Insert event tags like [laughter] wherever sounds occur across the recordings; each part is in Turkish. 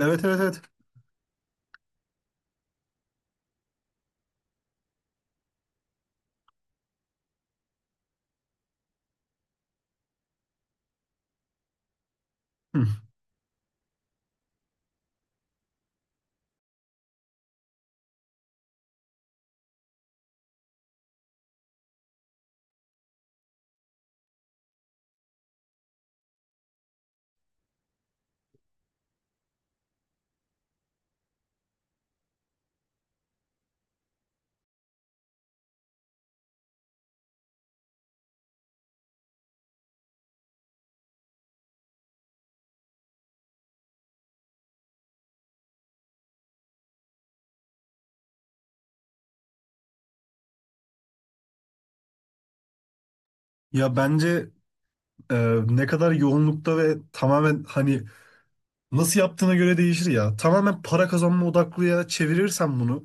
Evet evet evet. Hı. Ya bence ne kadar yoğunlukta ve tamamen hani nasıl yaptığına göre değişir ya. Tamamen para kazanma odaklıya çevirirsen bunu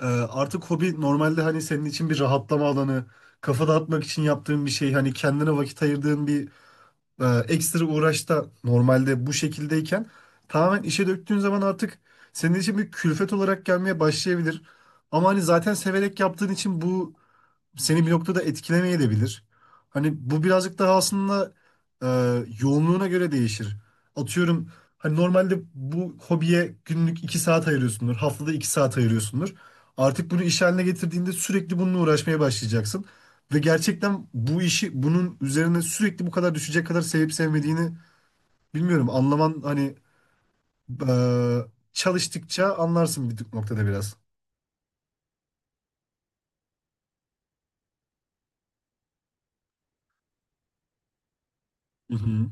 artık hobi normalde hani senin için bir rahatlama alanı, kafa dağıtmak için yaptığın bir şey, hani kendine vakit ayırdığın bir ekstra uğraşta normalde bu şekildeyken tamamen işe döktüğün zaman artık senin için bir külfet olarak gelmeye başlayabilir. Ama hani zaten severek yaptığın için bu seni bir noktada etkilemeye de. Hani bu birazcık daha aslında e, yoğunluğuna göre değişir. Atıyorum hani normalde bu hobiye günlük 2 saat ayırıyorsundur. Haftada 2 saat ayırıyorsundur. Artık bunu iş haline getirdiğinde sürekli bununla uğraşmaya başlayacaksın. Ve gerçekten bu işi bunun üzerine sürekli bu kadar düşecek kadar sevip sevmediğini bilmiyorum. Anlaman hani e, çalıştıkça anlarsın bir noktada biraz. Hı hı.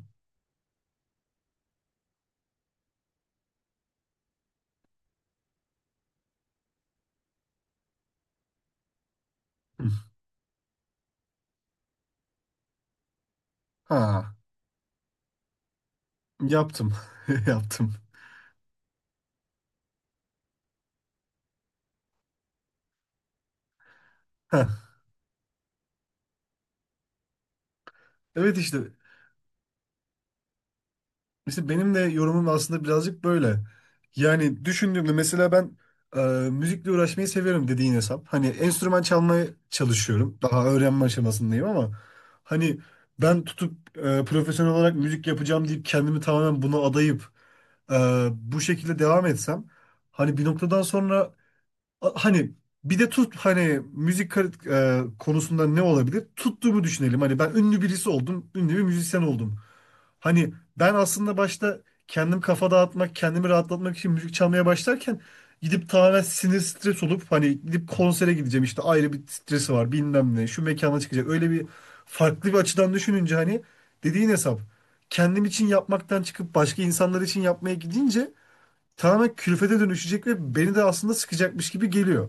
Ha, yaptım. [laughs] Yaptım. [laughs] Evet işte. Mesela benim de yorumum aslında birazcık böyle. Yani düşündüğümde mesela ben e, müzikle uğraşmayı severim dediğin hesap. Hani enstrüman çalmaya çalışıyorum. Daha öğrenme aşamasındayım ama hani ben tutup profesyonel olarak müzik yapacağım deyip kendimi tamamen buna adayıp bu şekilde devam etsem hani bir noktadan sonra hani bir de tut hani konusunda ne olabilir? Tuttuğumu düşünelim. Hani ben ünlü birisi oldum, ünlü bir müzisyen oldum. Hani ben aslında başta kendim kafa dağıtmak, kendimi rahatlatmak için müzik çalmaya başlarken gidip tamamen sinir stres olup hani gidip konsere gideceğim işte ayrı bir stresi var bilmem ne şu mekana çıkacak öyle bir farklı bir açıdan düşününce hani dediğin hesap kendim için yapmaktan çıkıp başka insanlar için yapmaya gidince tamamen külfete dönüşecek ve beni de aslında sıkacakmış gibi geliyor.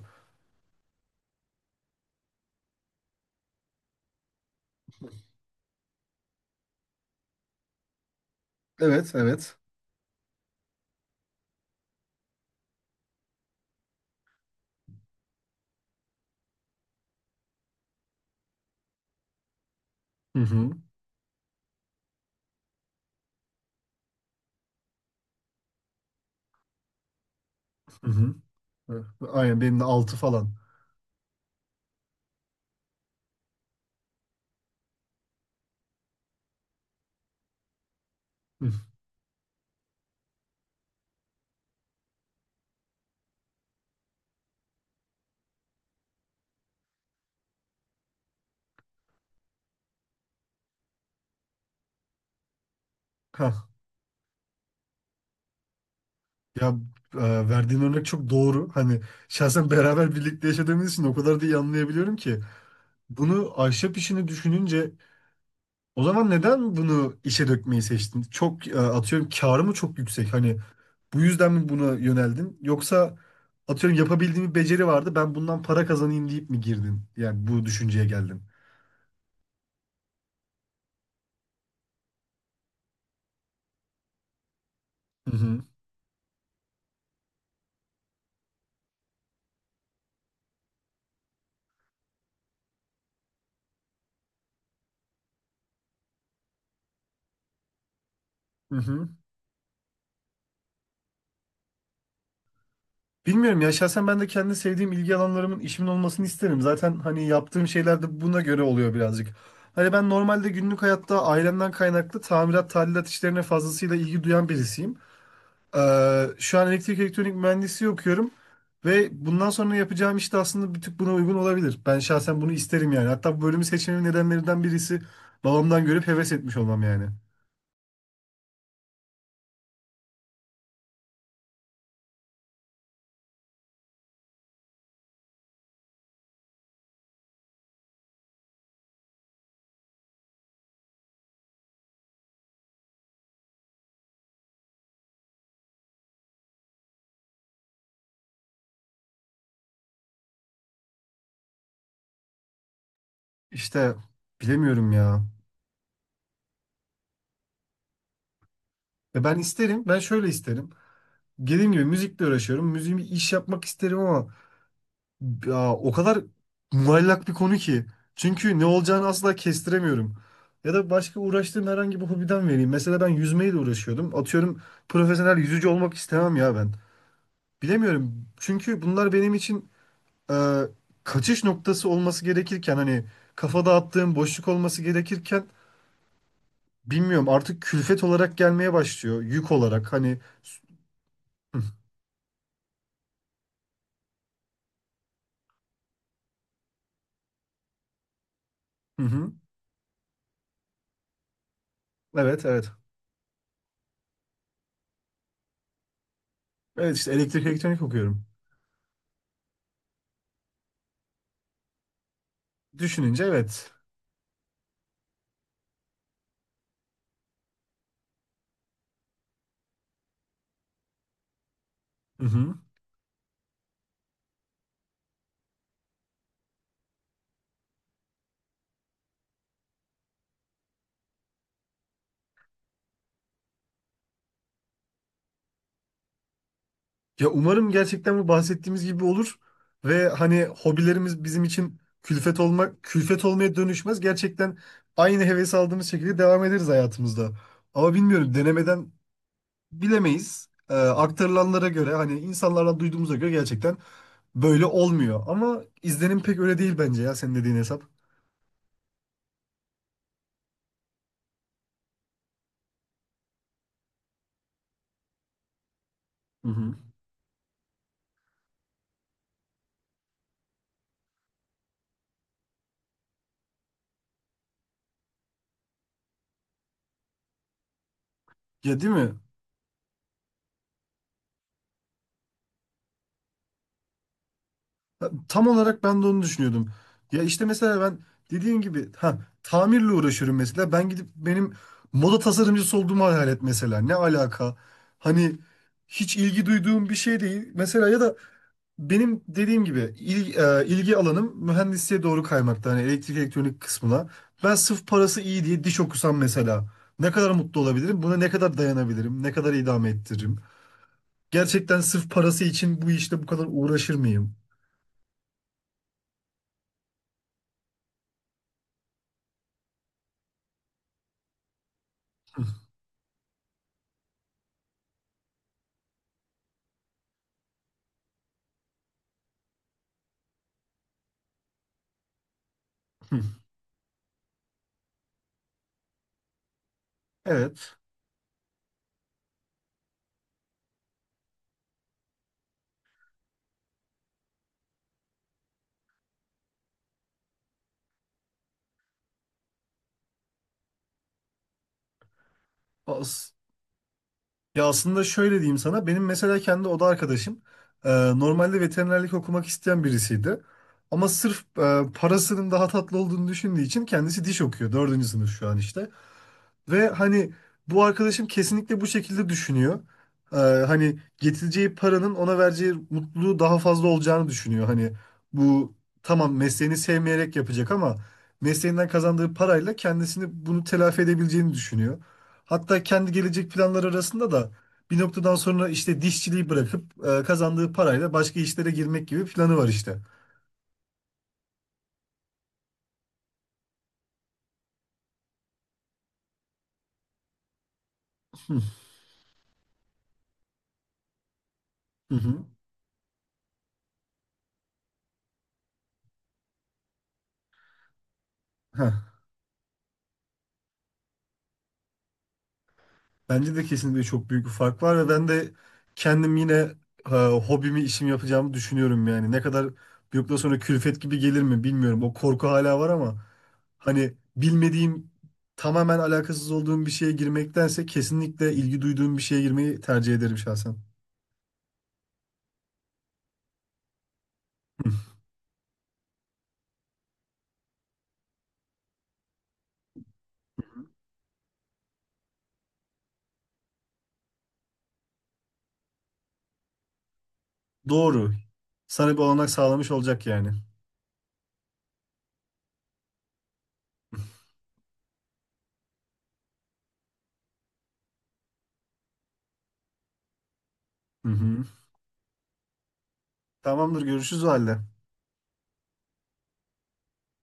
Evet, evet. Hı hı, hı hı. Evet, aynen benim de 6 falan. Hı. Hah. Ya e, verdiğin örnek çok doğru. Hani şahsen beraber birlikte yaşadığımız için o kadar da iyi anlayabiliyorum ki. Bunu ahşap işini düşününce o zaman neden bunu işe dökmeyi seçtin? Çok atıyorum karı mı çok yüksek? Hani bu yüzden mi buna yöneldin? Yoksa atıyorum yapabildiğim bir beceri vardı ben bundan para kazanayım deyip mi girdin? Yani bu düşünceye geldin. Hı hı. Hı hı. Bilmiyorum ya şahsen ben de kendi sevdiğim ilgi alanlarımın işimin olmasını isterim. Zaten hani yaptığım şeyler de buna göre oluyor birazcık. Hani ben normalde günlük hayatta ailemden kaynaklı tamirat, tadilat işlerine fazlasıyla ilgi duyan birisiyim. Şu an elektrik elektronik mühendisliği okuyorum ve bundan sonra yapacağım iş de aslında bir tık buna uygun olabilir. Ben şahsen bunu isterim yani. Hatta bu bölümü seçmemin nedenlerinden birisi babamdan görüp heves etmiş olmam yani. İşte bilemiyorum ya. Ya ben isterim. Ben şöyle isterim. Dediğim gibi müzikle uğraşıyorum. Müziğimi iş yapmak isterim ama ya, o kadar muallak bir konu ki. Çünkü ne olacağını asla kestiremiyorum. Ya da başka uğraştığım herhangi bir hobiden vereyim. Mesela ben yüzmeyle uğraşıyordum. Atıyorum profesyonel yüzücü olmak istemem ya ben. Bilemiyorum. Çünkü bunlar benim için e, kaçış noktası olması gerekirken hani kafa dağıttığım boşluk olması gerekirken. Bilmiyorum, artık külfet olarak gelmeye başlıyor. Yük olarak hani. Hı hı. Evet evet. Evet işte elektrik elektronik okuyorum. Düşününce evet. Hı hı. Ya umarım gerçekten bu bahsettiğimiz gibi olur ve hani hobilerimiz bizim için külfet olmak külfet olmaya dönüşmez. Gerçekten aynı heves aldığımız şekilde devam ederiz hayatımızda. Ama bilmiyorum denemeden bilemeyiz. Aktarılanlara göre hani insanlardan duyduğumuza göre gerçekten böyle olmuyor. Ama izlenim pek öyle değil bence ya senin dediğin hesap. Hı hı. Ya değil mi? Ha, tam olarak ben de onu düşünüyordum. Ya işte mesela ben dediğin gibi ha tamirle uğraşıyorum mesela. Ben gidip benim moda tasarımcısı olduğumu hayal et mesela. Ne alaka? Hani hiç ilgi duyduğum bir şey değil. Mesela ya da benim dediğim gibi ilgi alanım mühendisliğe doğru kaymakta. Hani elektrik elektronik kısmına. Ben sırf parası iyi diye diş okusam mesela. Ne kadar mutlu olabilirim? Buna ne kadar dayanabilirim? Ne kadar idame ettiririm? Gerçekten sırf parası için bu işte bu kadar uğraşır mıyım? [laughs] Hı. Evet. As- Ya aslında şöyle diyeyim sana. Benim mesela kendi oda arkadaşım e, normalde veterinerlik okumak isteyen birisiydi. Ama sırf parasının daha tatlı olduğunu düşündüğü için kendisi diş okuyor. Dördüncü sınıf şu an işte. Ve hani bu arkadaşım kesinlikle bu şekilde düşünüyor. Hani getireceği paranın ona vereceği mutluluğu daha fazla olacağını düşünüyor. Hani bu tamam mesleğini sevmeyerek yapacak ama mesleğinden kazandığı parayla kendisini bunu telafi edebileceğini düşünüyor. Hatta kendi gelecek planları arasında da bir noktadan sonra işte dişçiliği bırakıp kazandığı parayla başka işlere girmek gibi planı var işte. Hı hı. Heh. Bence de kesinlikle çok büyük bir fark var ve ben de kendim yine e, hobimi işim yapacağımı düşünüyorum yani. Ne kadar bir noktadan sonra külfet gibi gelir mi bilmiyorum. O korku hala var ama hani bilmediğim tamamen alakasız olduğum bir şeye girmektense kesinlikle ilgi duyduğum bir şeye girmeyi tercih ederim şahsen. Hı. Doğru. Sana bir olanak sağlamış olacak yani. Hı hı. Tamamdır görüşürüz o halde.